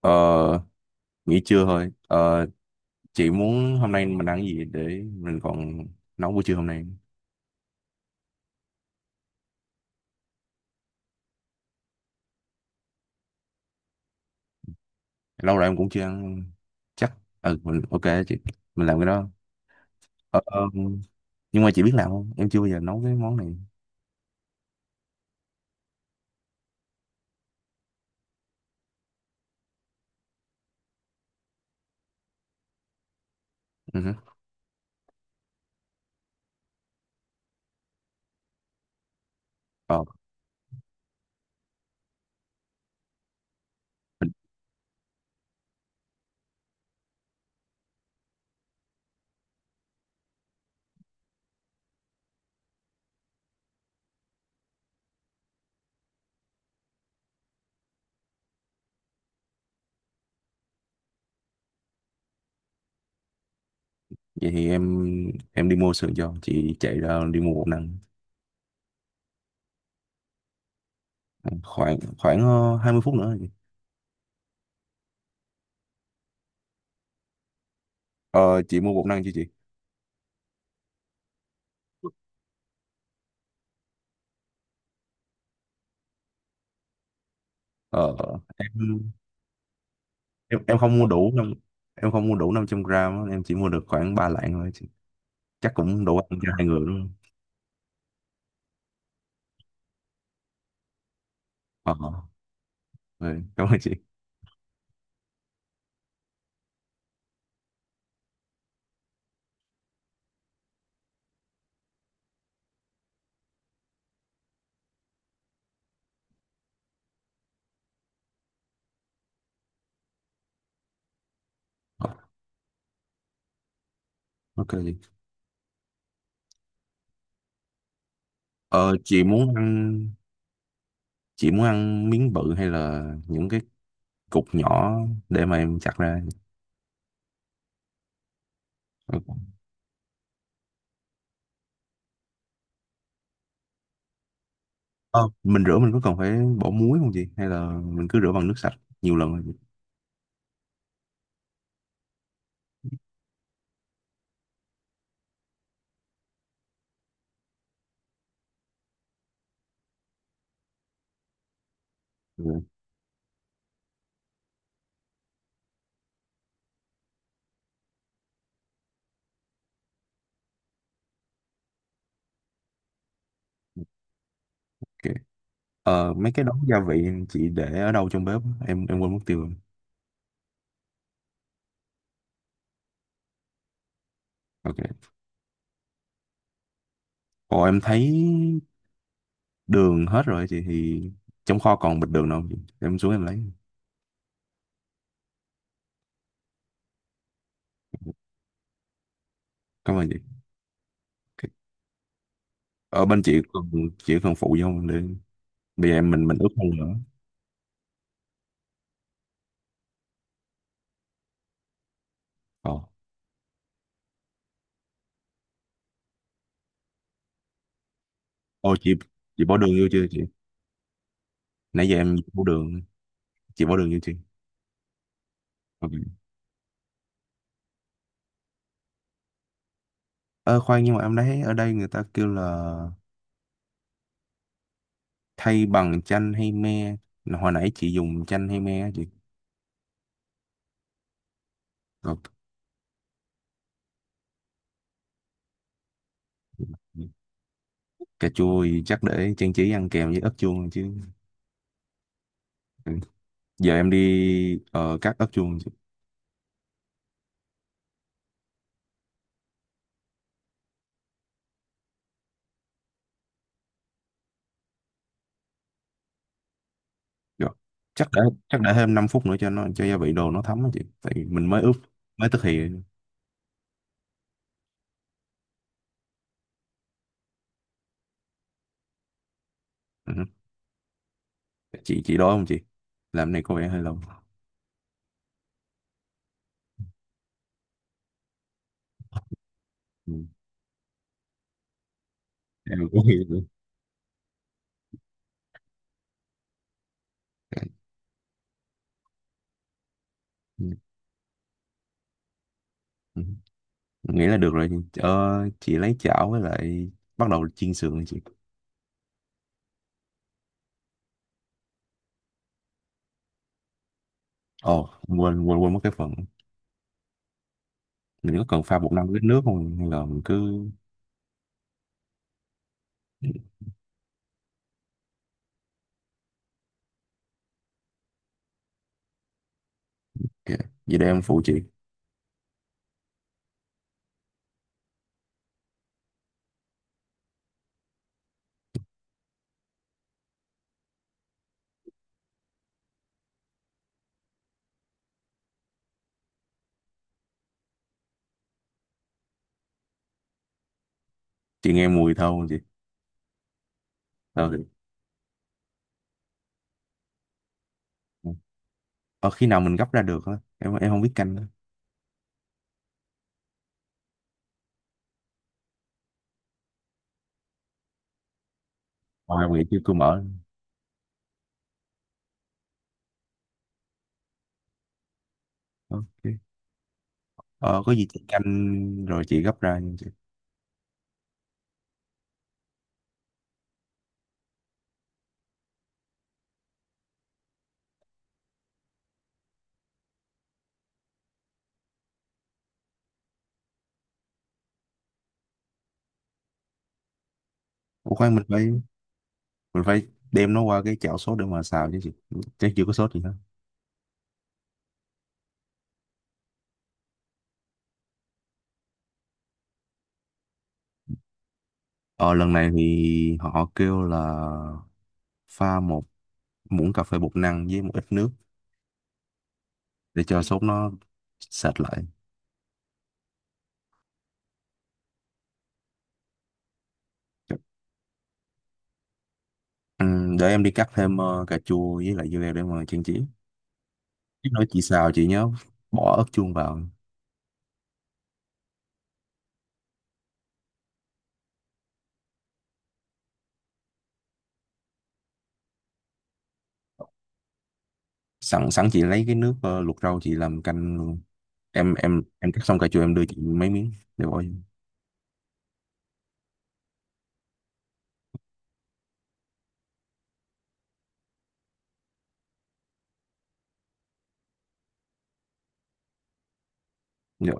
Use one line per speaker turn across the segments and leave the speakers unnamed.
Ờ, Nghỉ trưa thôi. Ờ, chị muốn hôm nay mình ăn cái gì để mình còn nấu buổi trưa hôm nay. Lâu rồi em cũng chưa ăn. Chắc. Ừ, mình ok chị. Mình làm cái đó. Ờ, ờ, nhưng mà chị biết làm không? Em chưa bao giờ nấu cái món này. Ừ hử. Ờ, Vậy thì em đi mua sườn cho. Chị chạy ra đi mua bột năng. Ừ, Khoảng khoảng ờ, 20 phút nữa rồi chị. Ờ, chị mua bột năng chưa chị? Ờ, em, em không mua đủ năm em không mua đủ 500 gram á, em chỉ mua được khoảng 3 lạng thôi chị. Chắc cũng đủ ăn cho hai người đúng không? ờ ừ, cảm ơn chị. Ờ, ok chị. ờ chị muốn ăn chị muốn ăn miếng bự hay là những cái cục nhỏ để mà em chặt ra. Ờ, mình có cần phải bỏ muối không chị hay là mình cứ rửa bằng nước sạch nhiều lần rồi chị? Ừ, ok. Mấy cái đống gia vị chị để ở đâu trong bếp á? Em quên mất tiêu rồi. Ok. Ồ, em thấy đường hết rồi chị, thì trong kho còn bịch đường đâu không chị? Em xuống em lấy. Cảm ơn chị. Ok. Ở bên chị cần phụ vô để bây giờ em mình ướp không nữa? ờ Ô chị bỏ đường vô chưa chị? Nãy giờ em bỏ đường. Chị bỏ đường vô chưa? Ok. Ờ Khoan, nhưng mà em thấy ở đây người ta kêu là thay bằng chanh hay me, hồi nãy chị dùng chanh hay me á chị? Ờ, Cà chua thì chắc để trang trí ăn kèm với ớt chuông chứ. Ừ. Giờ em đi cắt ớt chuông chị. Rồi. chắc để chắc để thêm 5 phút nữa cho nó cho gia vị đồ nó thấm á chị, tại vì mình mới ướp mới thực thì... Ừ. Chị đói không chị? Làm này có vẻ hơi lâu. Ừ. Em cũng hiểu nữa. Ừ. Ừ. Nghĩ là được rồi chị. Ờ, chị lấy chảo với lại bắt đầu chiên sườn đi chị. Ồ, quên quên quên mất cái phần mình có cần pha bột năng với nước không hay là mình cứ... Ok. Vậy để em phụ chị. Chị nghe mùi thơm không chị? ờ thì- ờ, Khi nào mình gấp ra được á? Em không biết canh á. Ờ, em nghĩ chưa, cứ mở. Ok. Ờ, có gì chị canh rồi chị gấp ra nha chị. Ủa, khoan, mình phải đem nó qua cái chảo sốt để mà xào chứ chị, chắc chưa có sốt gì hết. Ờ Lần này thì họ kêu là pha một muỗng cà phê bột năng với một ít nước để cho sốt nó sệt lại. Để em đi cắt thêm cà chua với lại dưa leo để mà trang trí. Cái nồi chị xào chị nhớ bỏ ớt chuông vào. Sẵn sẵn chị lấy cái nước luộc rau chị làm canh luôn. Em cắt xong cà chua em đưa chị mấy miếng để bỏ vô. Dạ.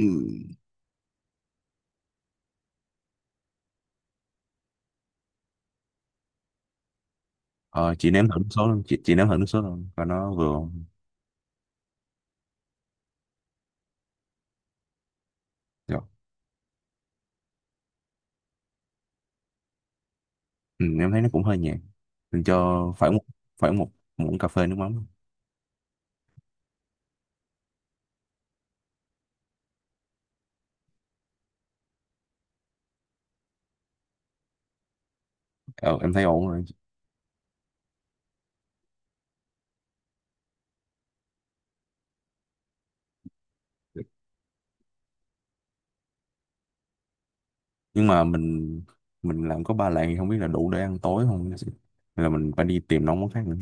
Ừ. ờ, chị nếm thử nước sốt không chị, chị nếm thử nước sốt không và nó vừa không? Ừ, em thấy nó cũng hơi nhạt, mình cho phải một muỗng cà phê nước mắm. Ờ, em thấy ổn rồi. Nhưng mà mình làm có ba lạng thì không biết là đủ để ăn tối không, hay là mình phải đi tìm nấu món khác nữa.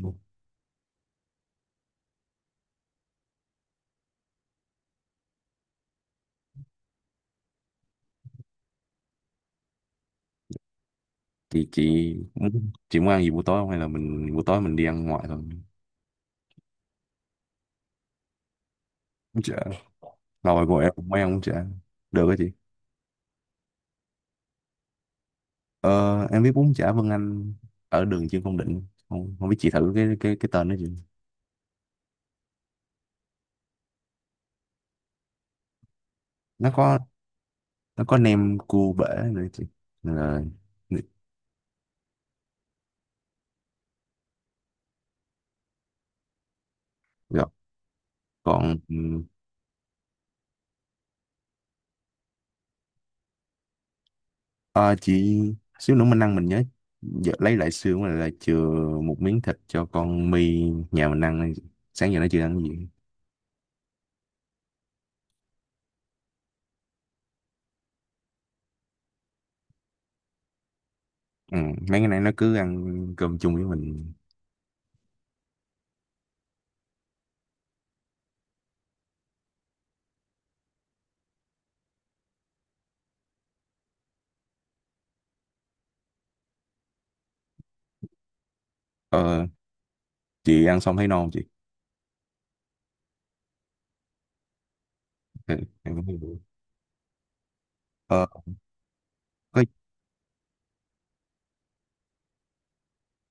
Chị muốn ăn gì buổi tối không hay là mình buổi tối mình đi ăn ngoài thôi. Bún chả, lâu rồi của em cũng mới ăn bún chả được á chị. Ờ, em biết bún chả Vân Anh ở đường Trương Công Định. Không Không biết chị thử cái tên đó chị? Nó có nó có nem cua bể nữa chị. Nên là rồi còn ừ, Ờ, chị, xíu nữa mình ăn mình nhớ giờ lấy lại xương là chừa một miếng thịt cho con My nhà mình ăn, sáng giờ nó chưa ăn cái gì. Ừ, mấy cái này nó cứ ăn cơm chung với mình. ờ, chị ăn xong thấy no không chị? Ừ, em cũng thấy được. ờ, có,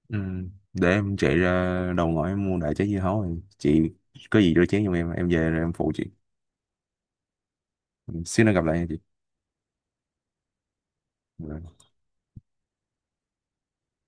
ừ, để em chạy ra đầu ngõ em mua đại trái dưa hấu rồi chị. Có gì rửa chén giùm em về rồi em phụ chị. Xíu nữa gặp lại nha chị. Ừ.